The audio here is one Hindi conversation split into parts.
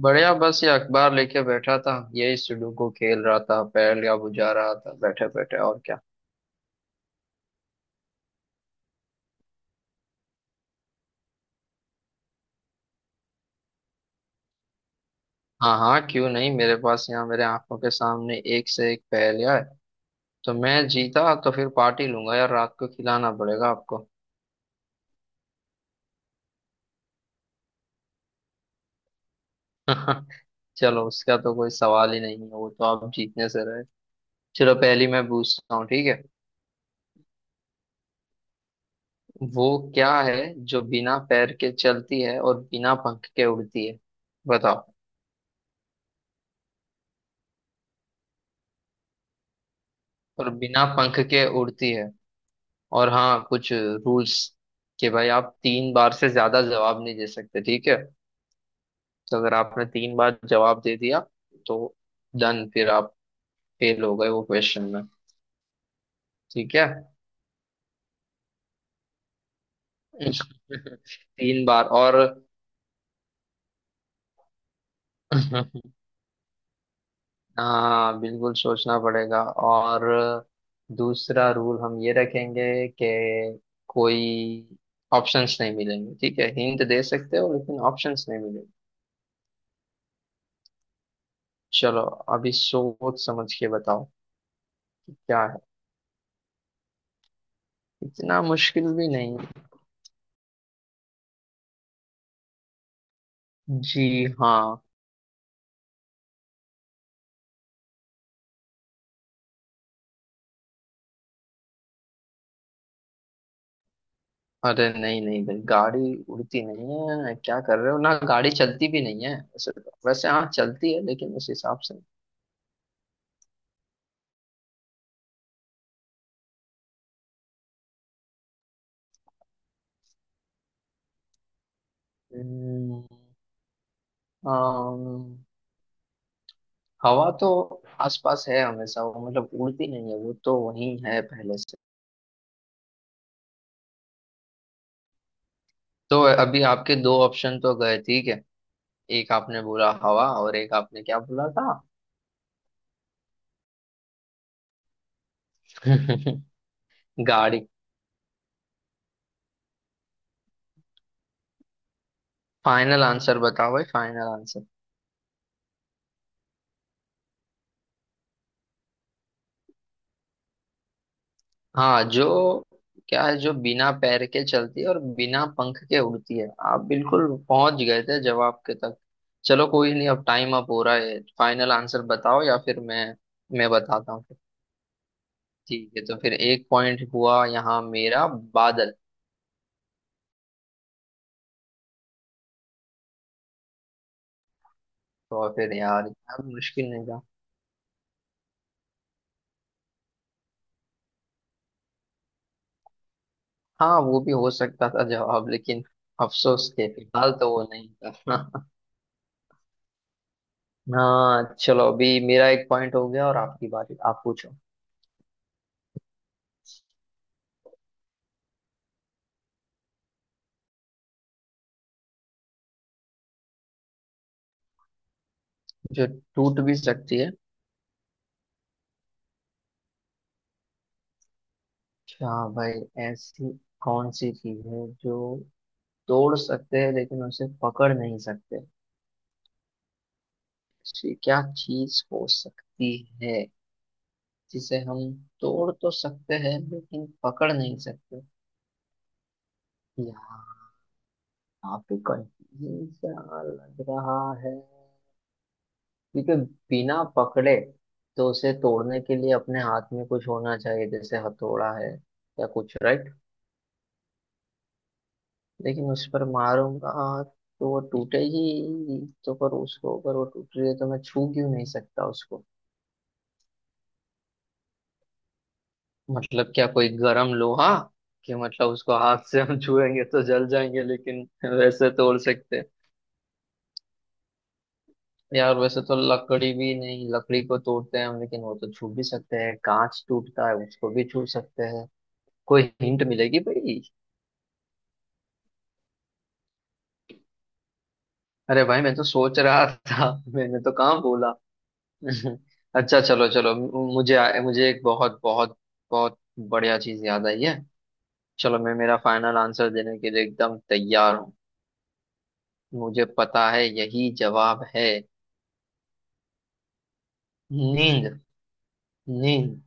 बढ़िया। बस ये अखबार लेके बैठा था, यही सुडोकू खेल रहा था, पहेल या बुझा रहा था बैठे बैठे, और क्या। हाँ हाँ, क्यों नहीं, मेरे पास यहाँ मेरे आंखों के सामने एक से एक पहेलियाँ है। तो मैं जीता तो फिर पार्टी लूंगा यार, रात को खिलाना पड़ेगा आपको। चलो, उसका तो कोई सवाल ही नहीं है, वो तो आप जीतने से रहे। चलो, पहली मैं पूछता हूँ, ठीक है। वो क्या है जो बिना पैर के चलती है और बिना पंख के उड़ती है? बताओ। और बिना पंख के उड़ती है। और हाँ, कुछ रूल्स कि भाई आप 3 बार से ज्यादा जवाब नहीं दे सकते, ठीक है। तो अगर आपने 3 बार जवाब दे दिया तो डन, फिर आप फेल हो गए वो क्वेश्चन में। ठीक है। तीन बार और। हाँ बिल्कुल, सोचना पड़ेगा। और दूसरा रूल हम ये रखेंगे कि कोई ऑप्शंस नहीं मिलेंगे, ठीक है। हिंट दे सकते हो लेकिन ऑप्शंस नहीं मिलेंगे। चलो, अभी सोच समझ के बताओ कि क्या है। इतना मुश्किल भी नहीं। जी हाँ। अरे नहीं नहीं भाई, गाड़ी उड़ती नहीं है, क्या कर रहे हो। ना गाड़ी चलती भी नहीं है वैसे, तो वैसे हाँ चलती है लेकिन उस हिसाब से। हम्म, अम, हवा तो आसपास है हमेशा वो, मतलब उड़ती नहीं है, वो तो वहीं है पहले से। तो अभी आपके दो ऑप्शन तो गए, ठीक है। एक आपने बोला हवा और एक आपने क्या बोला था? गाड़ी। फाइनल आंसर बताओ भाई, फाइनल। हाँ, जो क्या है जो बिना पैर के चलती है और बिना पंख के उड़ती है? आप बिल्कुल पहुंच गए थे जवाब के तक। चलो कोई नहीं, अब टाइम अप हो रहा है, फाइनल आंसर बताओ या फिर मैं बताता हूँ। ठीक है, तो फिर एक पॉइंट हुआ यहाँ मेरा। बादल। तो फिर यार यार, मुश्किल नहीं था। हाँ वो भी हो सकता था जवाब, लेकिन अफसोस के फिलहाल तो वो नहीं था। हाँ चलो, अभी मेरा एक पॉइंट हो गया और आपकी बारी, आप पूछो। जो टूट भी सकती है। अच्छा। भाई ऐसी कौन सी चीज है जो तोड़ सकते हैं लेकिन उसे पकड़ नहीं सकते? ऐसी क्या चीज हो सकती है जिसे हम तोड़ तो सकते हैं लेकिन पकड़ नहीं सकते? यार काफी कंफ्यूज सा लग रहा है। क्योंकि बिना पकड़े तो उसे तोड़ने के लिए अपने हाथ में कुछ होना चाहिए, जैसे हथौड़ा है या कुछ, राइट। लेकिन उस पर मारूंगा तो वो टूटेगी तो, पर उसको ऊपर वो टूट रही है तो मैं छू क्यों नहीं सकता उसको? मतलब क्या कोई गरम लोहा कि मतलब उसको हाथ से हम छुएंगे तो जल जाएंगे, लेकिन वैसे तोड़ सकते हैं। यार वैसे तो लकड़ी भी नहीं, लकड़ी को तोड़ते हैं हम लेकिन वो तो छू भी सकते हैं, कांच टूटता है उसको भी छू सकते हैं। कोई हिंट मिलेगी भाई? अरे भाई मैं तो सोच रहा था, मैंने तो कहाँ बोला। अच्छा चलो चलो, मुझे मुझे एक बहुत बहुत बहुत बढ़िया चीज याद आई है। चलो, मैं मेरा फाइनल आंसर देने के लिए एकदम तैयार हूँ। मुझे पता है यही जवाब है। नींद। नींद।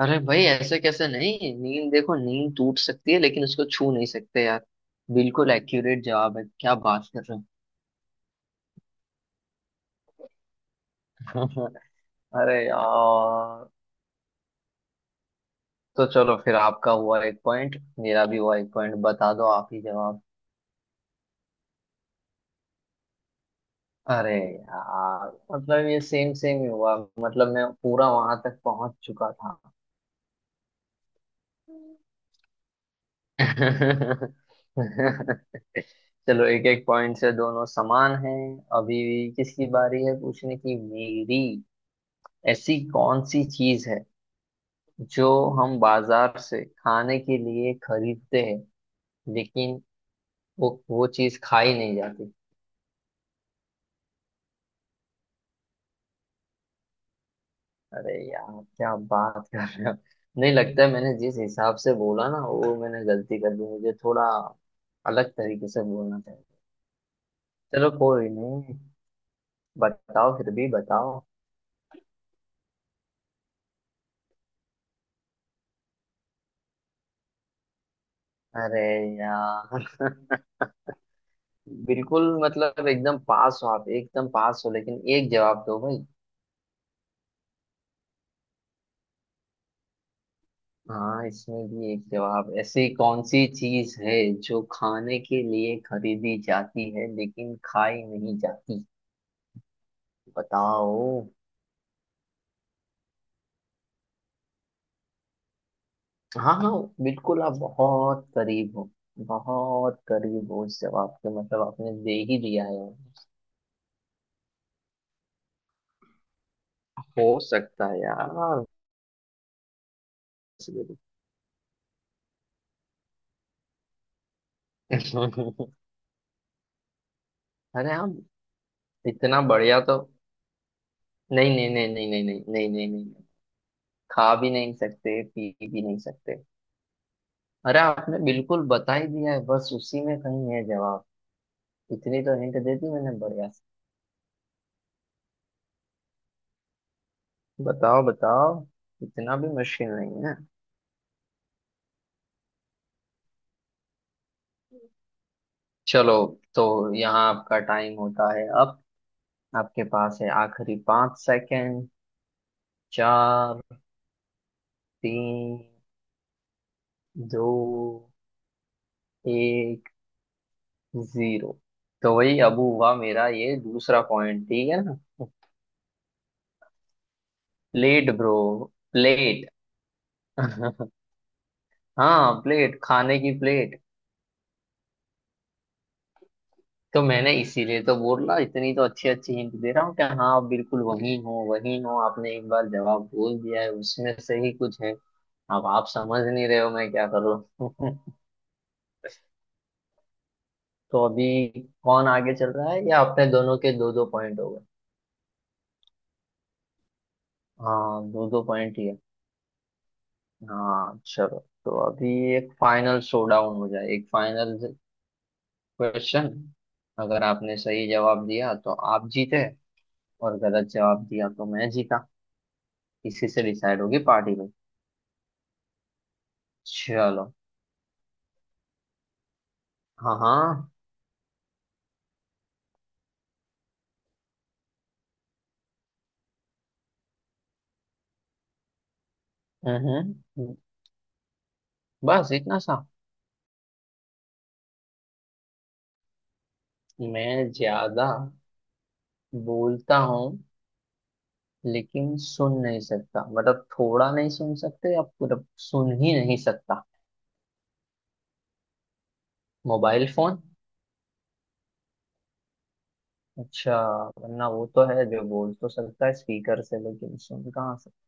अरे भाई ऐसे कैसे नहीं? नींद देखो, नींद टूट सकती है लेकिन उसको छू नहीं सकते यार। बिल्कुल एक्यूरेट जवाब है, क्या बात कर रहे हो। अरे यार। तो चलो, फिर आपका हुआ एक पॉइंट, मेरा भी हुआ एक पॉइंट, बता दो आप ही जवाब। अरे यार, मतलब ये सेम सेम ही हुआ, मतलब मैं पूरा वहां तक पहुंच चुका था। चलो, एक एक पॉइंट से दोनों समान हैं। अभी किसकी बारी है पूछने की, मेरी। ऐसी कौन सी चीज है जो हम बाजार से खाने के लिए खरीदते हैं लेकिन वो चीज खाई नहीं जाती? अरे यार, क्या बात कर रहे हो। नहीं लगता है, मैंने जिस हिसाब से बोला ना वो, मैंने गलती कर दी, मुझे थोड़ा अलग तरीके से बोलना चाहिए। चलो कोई नहीं, बताओ फिर भी बताओ। अरे यार, बिल्कुल मतलब एकदम पास हो, आप एकदम पास हो, लेकिन एक जवाब दो भाई। हाँ इसमें भी एक जवाब, ऐसी कौन सी चीज है जो खाने के लिए खरीदी जाती है लेकिन खाई नहीं जाती? बताओ। हाँ हाँ बिल्कुल, आप बहुत करीब हो, बहुत करीब हो उस जवाब के, मतलब आपने दे ही दिया है। हो सकता है यार। अरे आप, इतना बढ़िया तो, नहीं नहीं नहीं नहीं नहीं नहीं नहीं नहीं नहीं नहीं। खा भी नहीं सकते पी भी नहीं सकते। अरे आपने बिल्कुल बता ही दिया है, बस उसी में कहीं है जवाब। इतनी तो हिंट दे दी मैंने बढ़िया से। बताओ बताओ। इतना भी मुश्किल नहीं है। चलो, तो यहाँ आपका टाइम होता है अब, आपके पास है आखिरी 5 सेकंड। चार, तीन, दो, एक, जीरो। तो वही, अब हुआ मेरा ये दूसरा पॉइंट, ठीक है ना। Plate bro. प्लेट। हाँ प्लेट, खाने की प्लेट। तो मैंने इसीलिए तो बोला, इतनी तो अच्छी अच्छी हिंट दे रहा हूँ कि हाँ आप बिल्कुल वही हो वही हो, आपने एक बार जवाब बोल दिया है उसमें से ही कुछ है। अब आप समझ नहीं रहे हो मैं क्या कर रहा हूँ। तो अभी कौन आगे चल रहा है, या अपने दोनों के दो दो पॉइंट हो गए? हाँ दो दो पॉइंट ही है। हाँ चलो, तो अभी एक फाइनल शोडाउन हो जाए, एक फाइनल क्वेश्चन। अगर आपने सही जवाब दिया तो आप जीते, और गलत जवाब दिया तो मैं जीता। इसी से डिसाइड होगी पार्टी में। चलो। हाँ हाँ। हम्म हम्म, बस इतना सा। मैं ज्यादा बोलता हूँ लेकिन सुन नहीं सकता, मतलब थोड़ा नहीं सुन सकते या पूरा सुन ही नहीं सकता? Mobile phone. अच्छा, वरना वो तो है जो बोल तो सकता है स्पीकर से लेकिन सुन कहाँ सकता।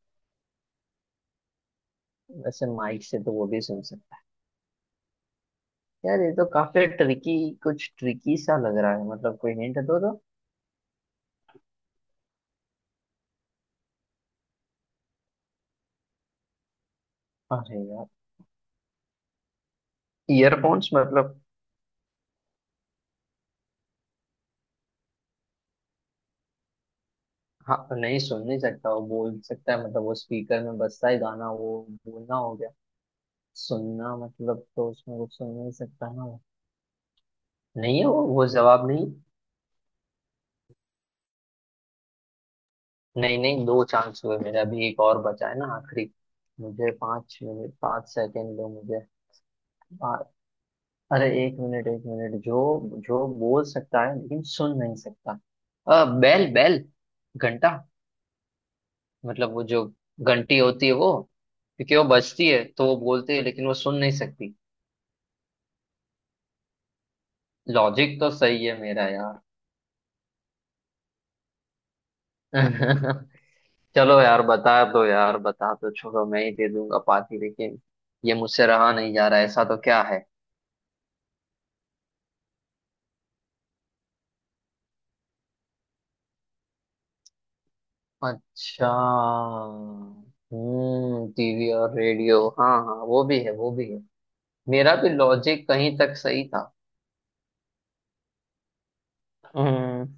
वैसे माइक से तो वो भी सुन सकता। यार ये तो काफी ट्रिकी, कुछ ट्रिकी सा लग रहा है, मतलब कोई हिंट दो तो। अरे यार, ईयरफोन्स मतलब। हाँ नहीं, सुन नहीं सकता, वो बोल सकता है, मतलब वो स्पीकर में बजता है गाना, वो बोलना हो गया, सुनना मतलब तो उसमें कुछ सुन नहीं सकता ना वो। नहीं है वो जवाब नहीं। नहीं नहीं, दो चांस हुए मेरे, अभी एक और बचा है ना आखिरी। मुझे 5 मिनट 5 सेकंड दो मुझे। पा, अरे एक मिनट एक मिनट, जो जो बोल सकता है लेकिन सुन नहीं सकता। बैल बैल। घंटा। मतलब वो जो घंटी होती है वो, क्योंकि वो बजती है तो वो बोलती है लेकिन वो सुन नहीं सकती। लॉजिक तो सही है मेरा यार। चलो यार बता दो यार बता दो, छोड़ो मैं ही दे दूंगा पार्टी, लेकिन ये मुझसे रहा नहीं जा रहा, ऐसा तो क्या? अच्छा। टीवी और रेडियो, हाँ हाँ वो भी है वो भी है। मेरा भी लॉजिक कहीं तक सही था। हम्म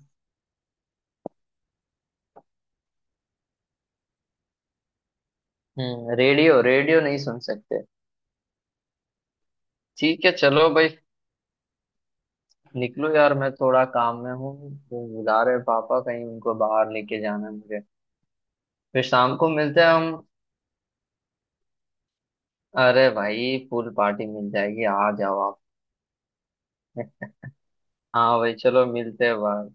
रेडियो रेडियो नहीं सुन सकते। ठीक है चलो भाई, निकलो यार मैं थोड़ा काम में हूँ, वो बुला रहे पापा, कहीं उनको बाहर लेके जाना है मुझे। फिर शाम को मिलते हैं हम। अरे भाई, फुल पार्टी मिल जाएगी, आ जाओ आप। हाँ भाई चलो, मिलते हैं बाहर।